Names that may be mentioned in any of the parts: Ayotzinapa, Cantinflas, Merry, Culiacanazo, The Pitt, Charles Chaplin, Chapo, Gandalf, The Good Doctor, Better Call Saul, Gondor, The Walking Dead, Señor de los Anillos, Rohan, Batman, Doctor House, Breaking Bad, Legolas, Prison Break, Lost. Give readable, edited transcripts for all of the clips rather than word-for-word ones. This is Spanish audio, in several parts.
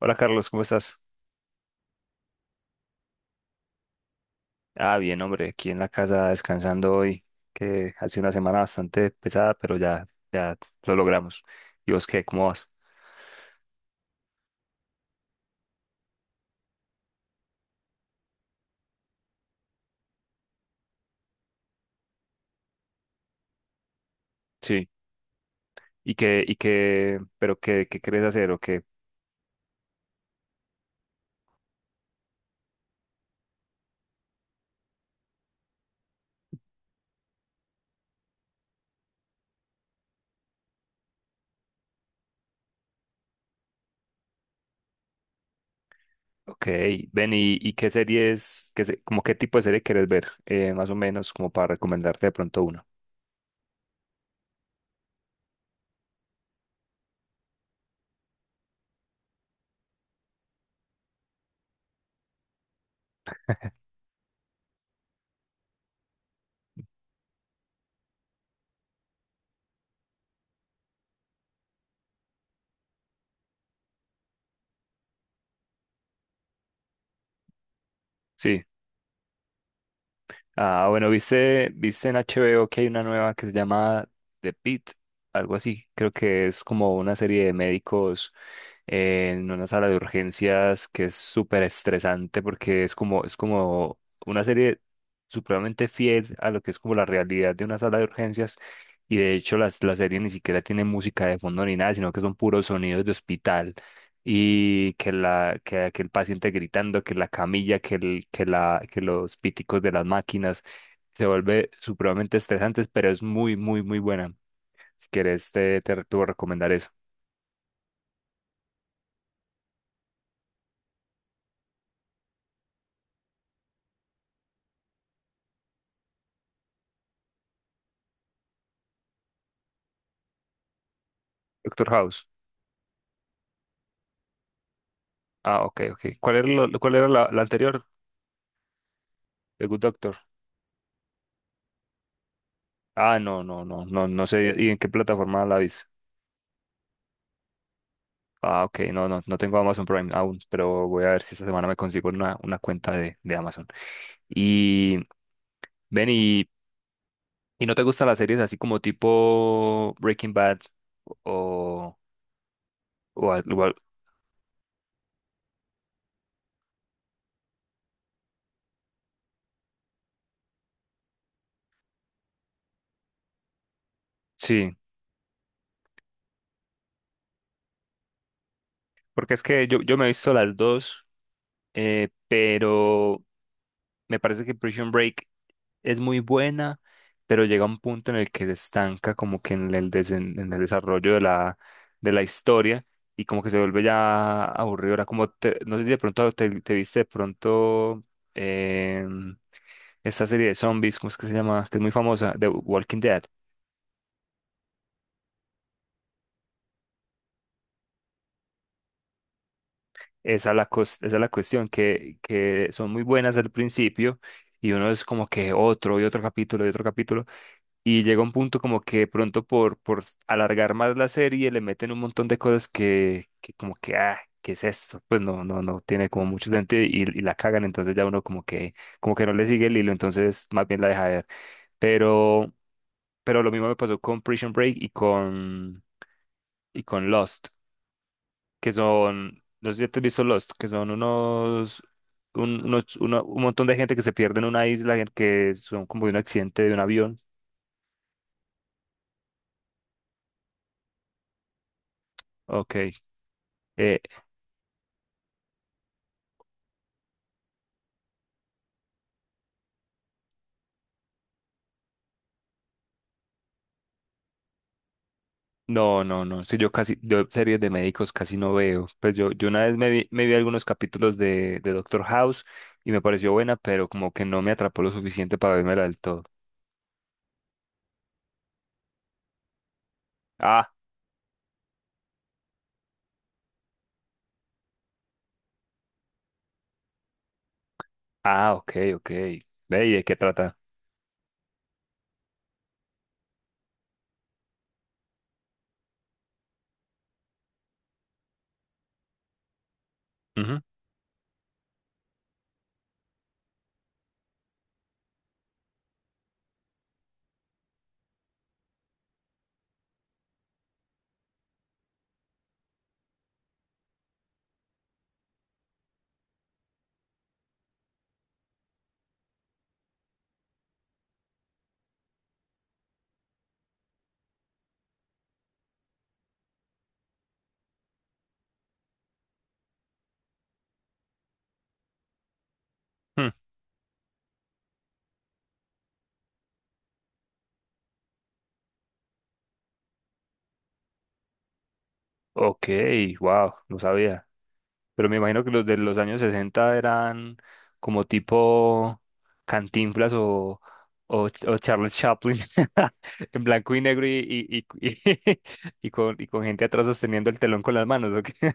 Hola Carlos, ¿cómo estás? Bien, hombre, aquí en la casa descansando hoy, que ha sido una semana bastante pesada, pero ya, ya lo logramos. ¿Y vos qué? ¿Cómo vas? Sí. ¿Y qué, pero qué, qué querés hacer o qué? Ok, ven, y qué series, qué, como qué tipo de serie querés ver? Más o menos como para recomendarte de pronto una. Sí. Ah, bueno, viste, viste en HBO que hay una nueva que se llama The Pitt, algo así. Creo que es como una serie de médicos en una sala de urgencias que es súper estresante porque es como una serie supremamente fiel a lo que es como la realidad de una sala de urgencias. Y de hecho la serie ni siquiera tiene música de fondo ni nada, sino que son puros sonidos de hospital y que el paciente gritando, que la camilla, que los píticos de las máquinas se vuelve supremamente estresante, pero es muy muy muy buena. Si quieres te voy a recomendar eso. Doctor House. Ah, ok, ok. ¿Cuál era cuál era la, la anterior? The Good Doctor. Ah, no, no, no, no, no sé y en qué plataforma la viste. Ah, ok, no, no, no tengo Amazon Prime aún, pero voy a ver si esta semana me consigo una cuenta de Amazon. Y ven y ¿Y no te gustan las series así como tipo Breaking Bad o, o, sí, porque es que yo me he visto las dos, pero me parece que Prison Break es muy buena, pero llega un punto en el que se estanca como que en el, en el desarrollo de la historia y como que se vuelve ya aburridora. Como no sé si de pronto te, te viste de pronto em, esta serie de zombies, ¿cómo es que se llama? Que es muy famosa, The Walking Dead. Esa es la, esa es la cuestión, que son muy buenas al principio y uno es como que otro y otro capítulo y otro capítulo y llega un punto como que pronto por alargar más la serie le meten un montón de cosas que como que, ah, ¿qué es esto? Pues no, no, no tiene como mucho sentido y la cagan, entonces ya uno como que no le sigue el hilo, entonces más bien la deja de ver. Pero, pero lo mismo me pasó con Prison Break y con Lost que son, no sé si te has visto Lost, que son unos, un, un montón de gente que se pierde en una isla, en que son como de un accidente de un avión. Ok. Eh, no, no, no. Sí, yo casi, yo series de médicos casi no veo. Pues yo una vez me vi algunos capítulos de Doctor House y me pareció buena, pero como que no me atrapó lo suficiente para vérmela del todo. Ah, ah, ok, ok. Ve, ¿y de qué trata? Ujú, mm, ok, wow, no sabía. Pero me imagino que los de los años 60 eran como tipo Cantinflas o Charles Chaplin, en blanco y negro y, y, y- y con gente atrás sosteniendo el telón con las manos. ¿O qué?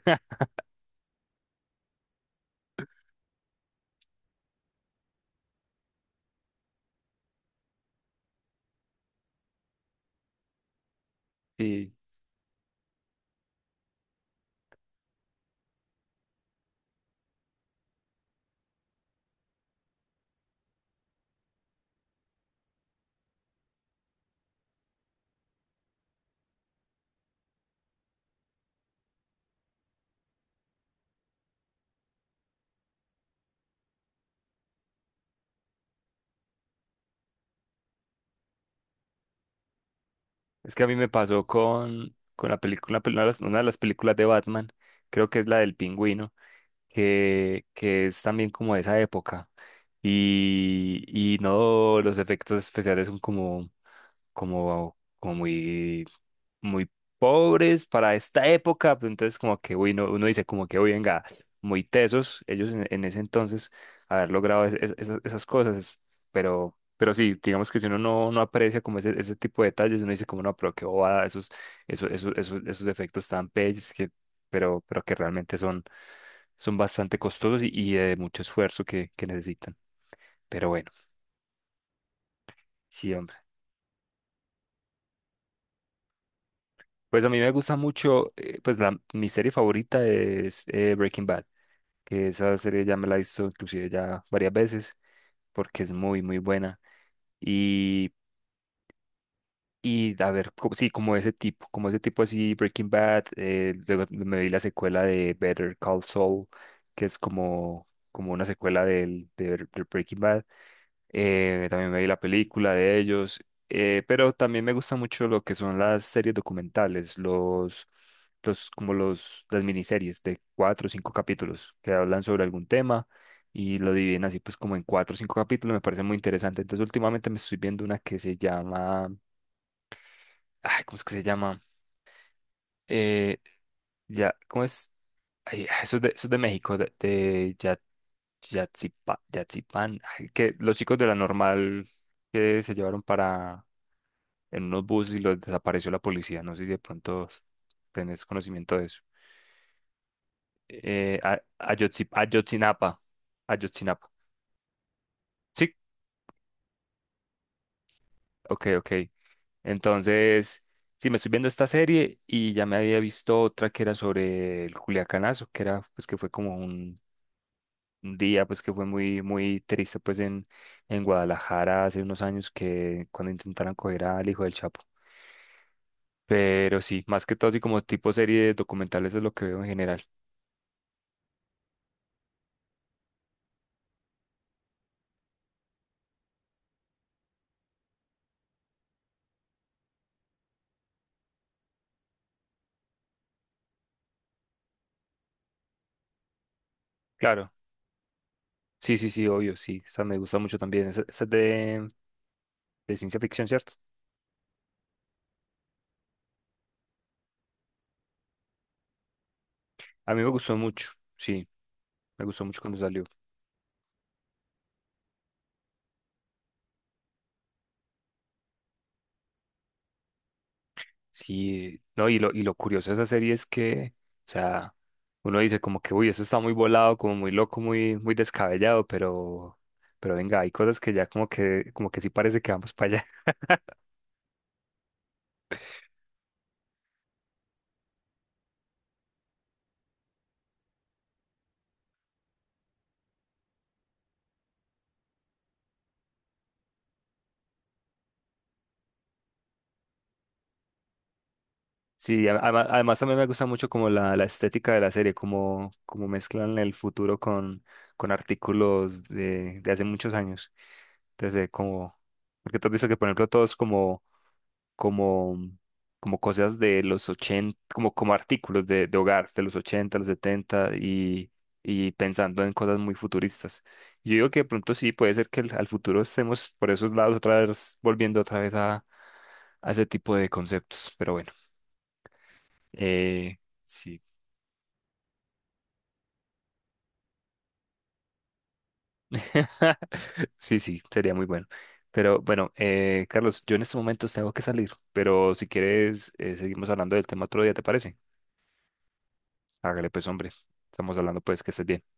Sí, es que a mí me pasó con la película, una de las películas de Batman, creo que es la del pingüino, que es también como de esa época. Y no, los efectos especiales son como, como, como muy muy pobres para esta época, pues entonces como que uy, uno dice como que uy, venga, muy tesos ellos en ese entonces haber logrado esas, esas cosas, pero sí, digamos que si uno no, no aprecia como ese tipo de detalles, uno dice como no, pero qué bobada, esos, esos efectos tan bellos que, pero que realmente son, son bastante costosos y de mucho esfuerzo que necesitan. Pero bueno, sí, hombre. Pues a mí me gusta mucho, pues la, mi serie favorita es Breaking Bad. Que esa serie ya me la he visto inclusive ya varias veces porque es muy, muy buena. Y a ver, sí, como ese tipo así, Breaking Bad, luego me vi la secuela de Better Call Saul, que es como, como una secuela de Breaking Bad. También me vi la película de ellos, pero también me gusta mucho lo que son las series documentales, los, como los, las miniseries de cuatro o cinco capítulos que hablan sobre algún tema y lo dividen así pues como en cuatro o cinco capítulos, me parece muy interesante. Entonces últimamente me estoy viendo una que se llama Ay, ¿cómo es que se llama? Eh, ya, ¿cómo es? Ay, ah, eso es de México, de, de Yatzipán. Ay, que los chicos de la normal que se llevaron para en unos buses y los desapareció la policía. No sé si de pronto tenés conocimiento de eso. Ayotzinapa. Ayotzinapa. Sí, ok, ok. Entonces, sí, me estoy viendo esta serie y ya me había visto otra que era sobre el Culiacanazo, que era, pues que fue como un día pues que fue muy muy triste pues en Guadalajara hace unos años que cuando intentaron coger al hijo del Chapo. Pero sí, más que todo así como tipo serie de documentales es lo que veo en general. Claro, sí, sí, sí, obvio, sí. Esa me gusta mucho también. Esa es de ciencia ficción, ¿cierto? A mí me gustó mucho, sí, me gustó mucho cuando salió. Sí, no, y lo curioso de esa serie es que, o sea, uno dice como que, uy, eso está muy volado, como muy loco, muy, muy descabellado, pero venga, hay cosas que ya como que sí parece que vamos para allá. Sí, además, además también me gusta mucho como la estética de la serie, como, como mezclan el futuro con artículos de hace muchos años. Entonces, como, porque tú has visto que, por ejemplo, todos como como, como cosas de los 80 como, como artículos de hogar de los 80 los 70 y pensando en cosas muy futuristas. Yo digo que de pronto sí, puede ser que al futuro estemos por esos lados otra vez, volviendo otra vez a ese tipo de conceptos, pero bueno, eh, sí. Sí, sí, sería muy bueno. Pero bueno, Carlos, yo en estos momentos tengo que salir, pero si quieres, seguimos hablando del tema otro día, ¿te parece? Hágale pues, hombre. Estamos hablando pues que estés bien.